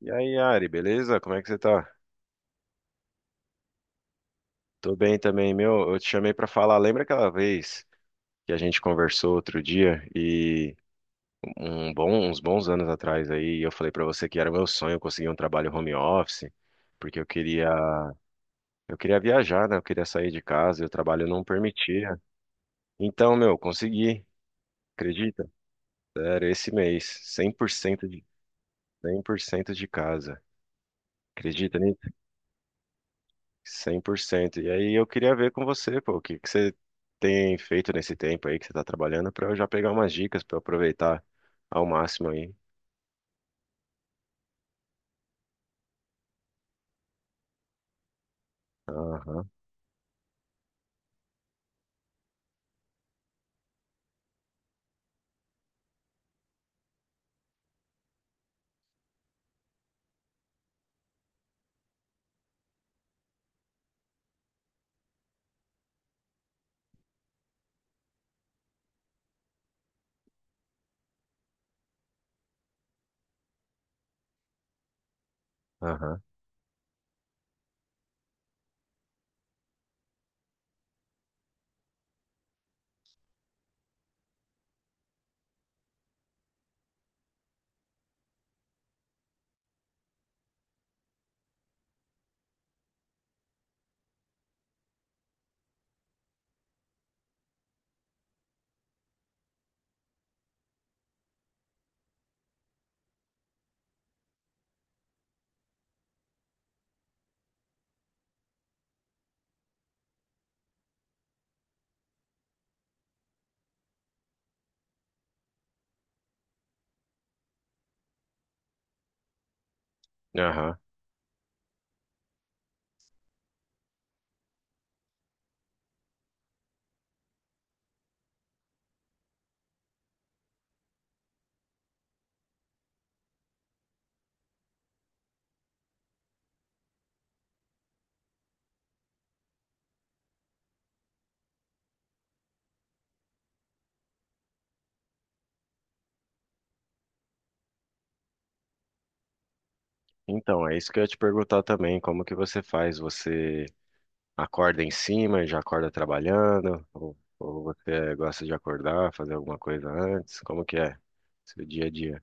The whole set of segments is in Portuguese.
E aí, Ari, beleza? Como é que você tá? Tô bem também, meu. Eu te chamei pra falar. Lembra aquela vez que a gente conversou outro dia e uns bons anos atrás aí, eu falei pra você que era meu sonho conseguir um trabalho home office, porque eu queria viajar, né? Eu queria sair de casa e o trabalho não permitia. Então, meu, consegui. Acredita? Era esse mês. Cem por cento de casa. Acredita? Cem por cento E aí eu queria ver com você, pô, o que que você tem feito nesse tempo aí que você tá trabalhando pra eu já pegar umas dicas pra eu aproveitar ao máximo aí. Aham, aham, aham. Então, é isso que eu ia te perguntar também, como que você faz? Você acorda em cima, e já acorda trabalhando? Ou você gosta de acordar, fazer alguma coisa antes? Como que é seu dia a dia?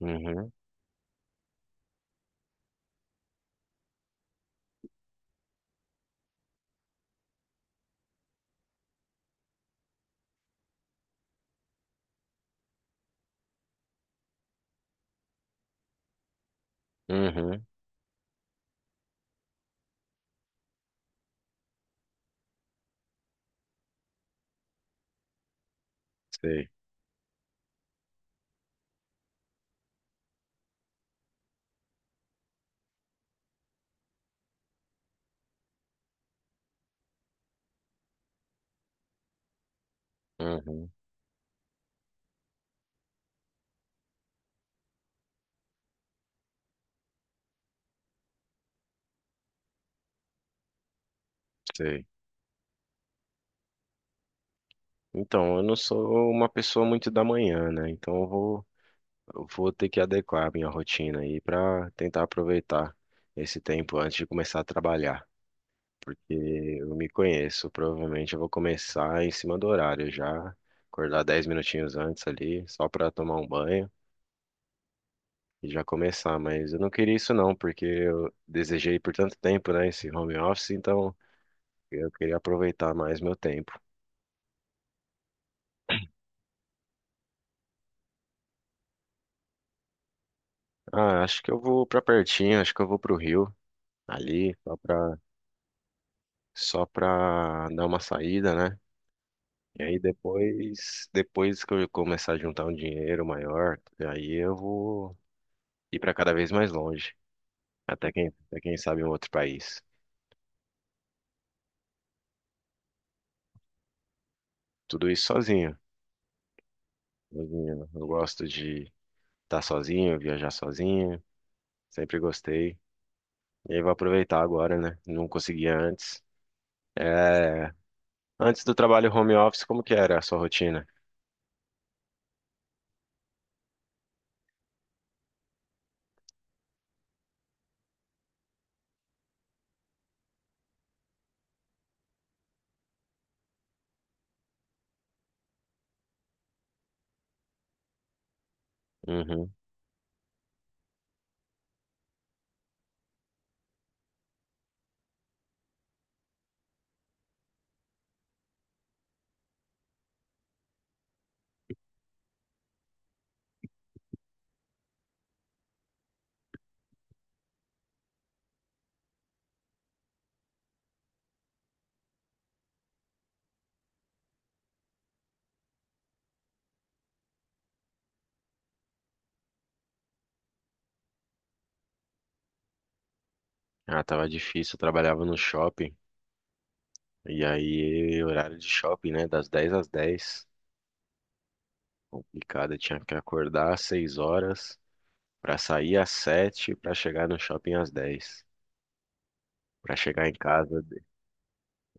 Uhum, uhum, sei, uhum, sei. Então, eu não sou uma pessoa muito da manhã, né? Então eu vou ter que adequar a minha rotina aí para tentar aproveitar esse tempo antes de começar a trabalhar, porque eu me conheço, provavelmente eu vou começar em cima do horário já, acordar 10 minutinhos antes ali, só para tomar um banho e já começar, mas eu não queria isso não, porque eu desejei por tanto tempo, né, esse home office, então eu queria aproveitar mais meu tempo. Ah, acho que eu vou para pertinho, acho que eu vou pro Rio ali, só para dar uma saída, né? E aí depois que eu começar a juntar um dinheiro maior, aí eu vou ir para cada vez mais longe, até quem sabe um outro país. Tudo isso sozinho, sozinho. Eu gosto de estar sozinho, viajar sozinho, sempre gostei. E aí vou aproveitar agora, né? Não conseguia antes. É, antes do trabalho home office, como que era a sua rotina? Uhum. Ah, tava difícil, eu trabalhava no shopping. E aí, horário de shopping, né? Das 10 às 10. Complicado, eu tinha que acordar às 6 horas pra sair às 7 pra chegar no shopping às 10. Pra chegar em casa,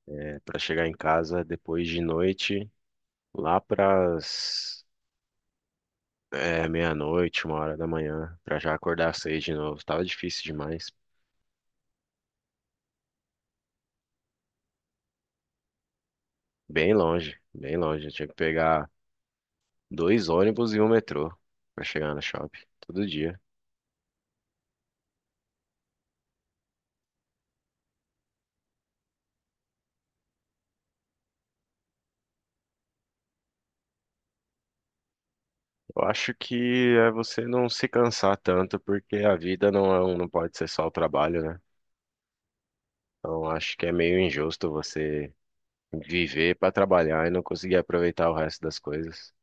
é, para chegar em casa depois de noite, lá pras meia-noite, uma hora da manhã, pra já acordar às 6 de novo. Tava difícil demais. Bem longe, bem longe. Eu tinha que pegar dois ônibus e um metrô pra chegar no shopping todo dia. Eu acho que é você não se cansar tanto, porque a vida não, não pode ser só o trabalho, né? Então, acho que é meio injusto você viver para trabalhar e não conseguir aproveitar o resto das coisas.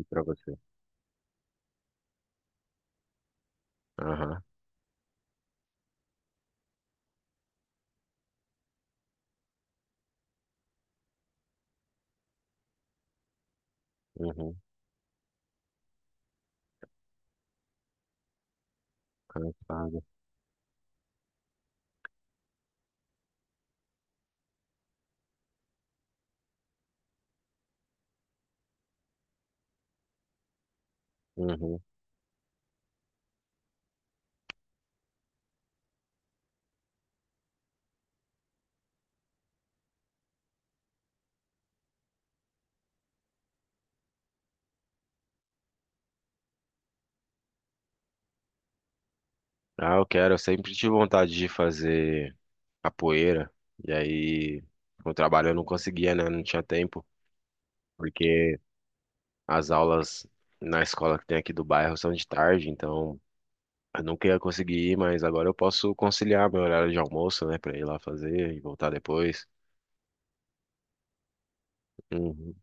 E para você. Aham. Uhum. Cansado. Uhum. Ah, eu quero. Eu sempre tive vontade de fazer capoeira. E aí, com o trabalho eu não conseguia, né? Não tinha tempo. Porque as aulas na escola que tem aqui do bairro são de tarde. Então, eu nunca ia conseguir ir, mas agora eu posso conciliar meu horário de almoço, né? Pra ir lá fazer e voltar depois. Uhum.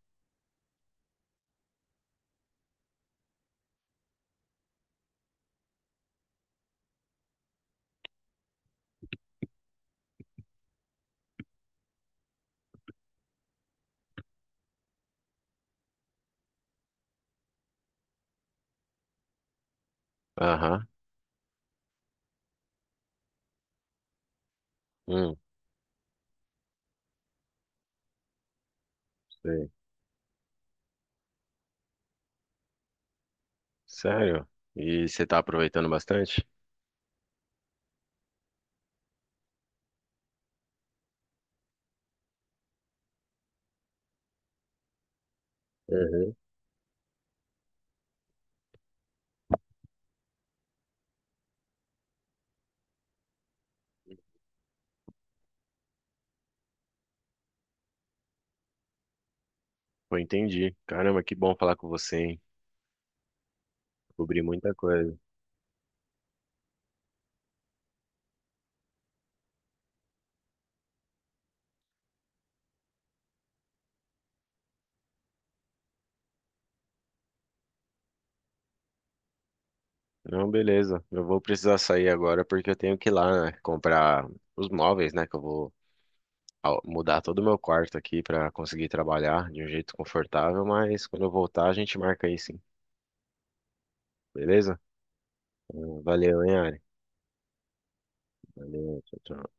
Aham. Uhum. Sei. Sério? E você tá aproveitando bastante? Uhum. Pô, entendi. Caramba, que bom falar com você, hein? Cobri muita coisa. Não, beleza. Eu vou precisar sair agora porque eu tenho que ir lá, né, comprar os móveis, né? Que eu vou mudar todo o meu quarto aqui pra conseguir trabalhar de um jeito confortável, mas quando eu voltar a gente marca aí sim. Beleza? Valeu, hein, Ari? Valeu, tchau, tchau.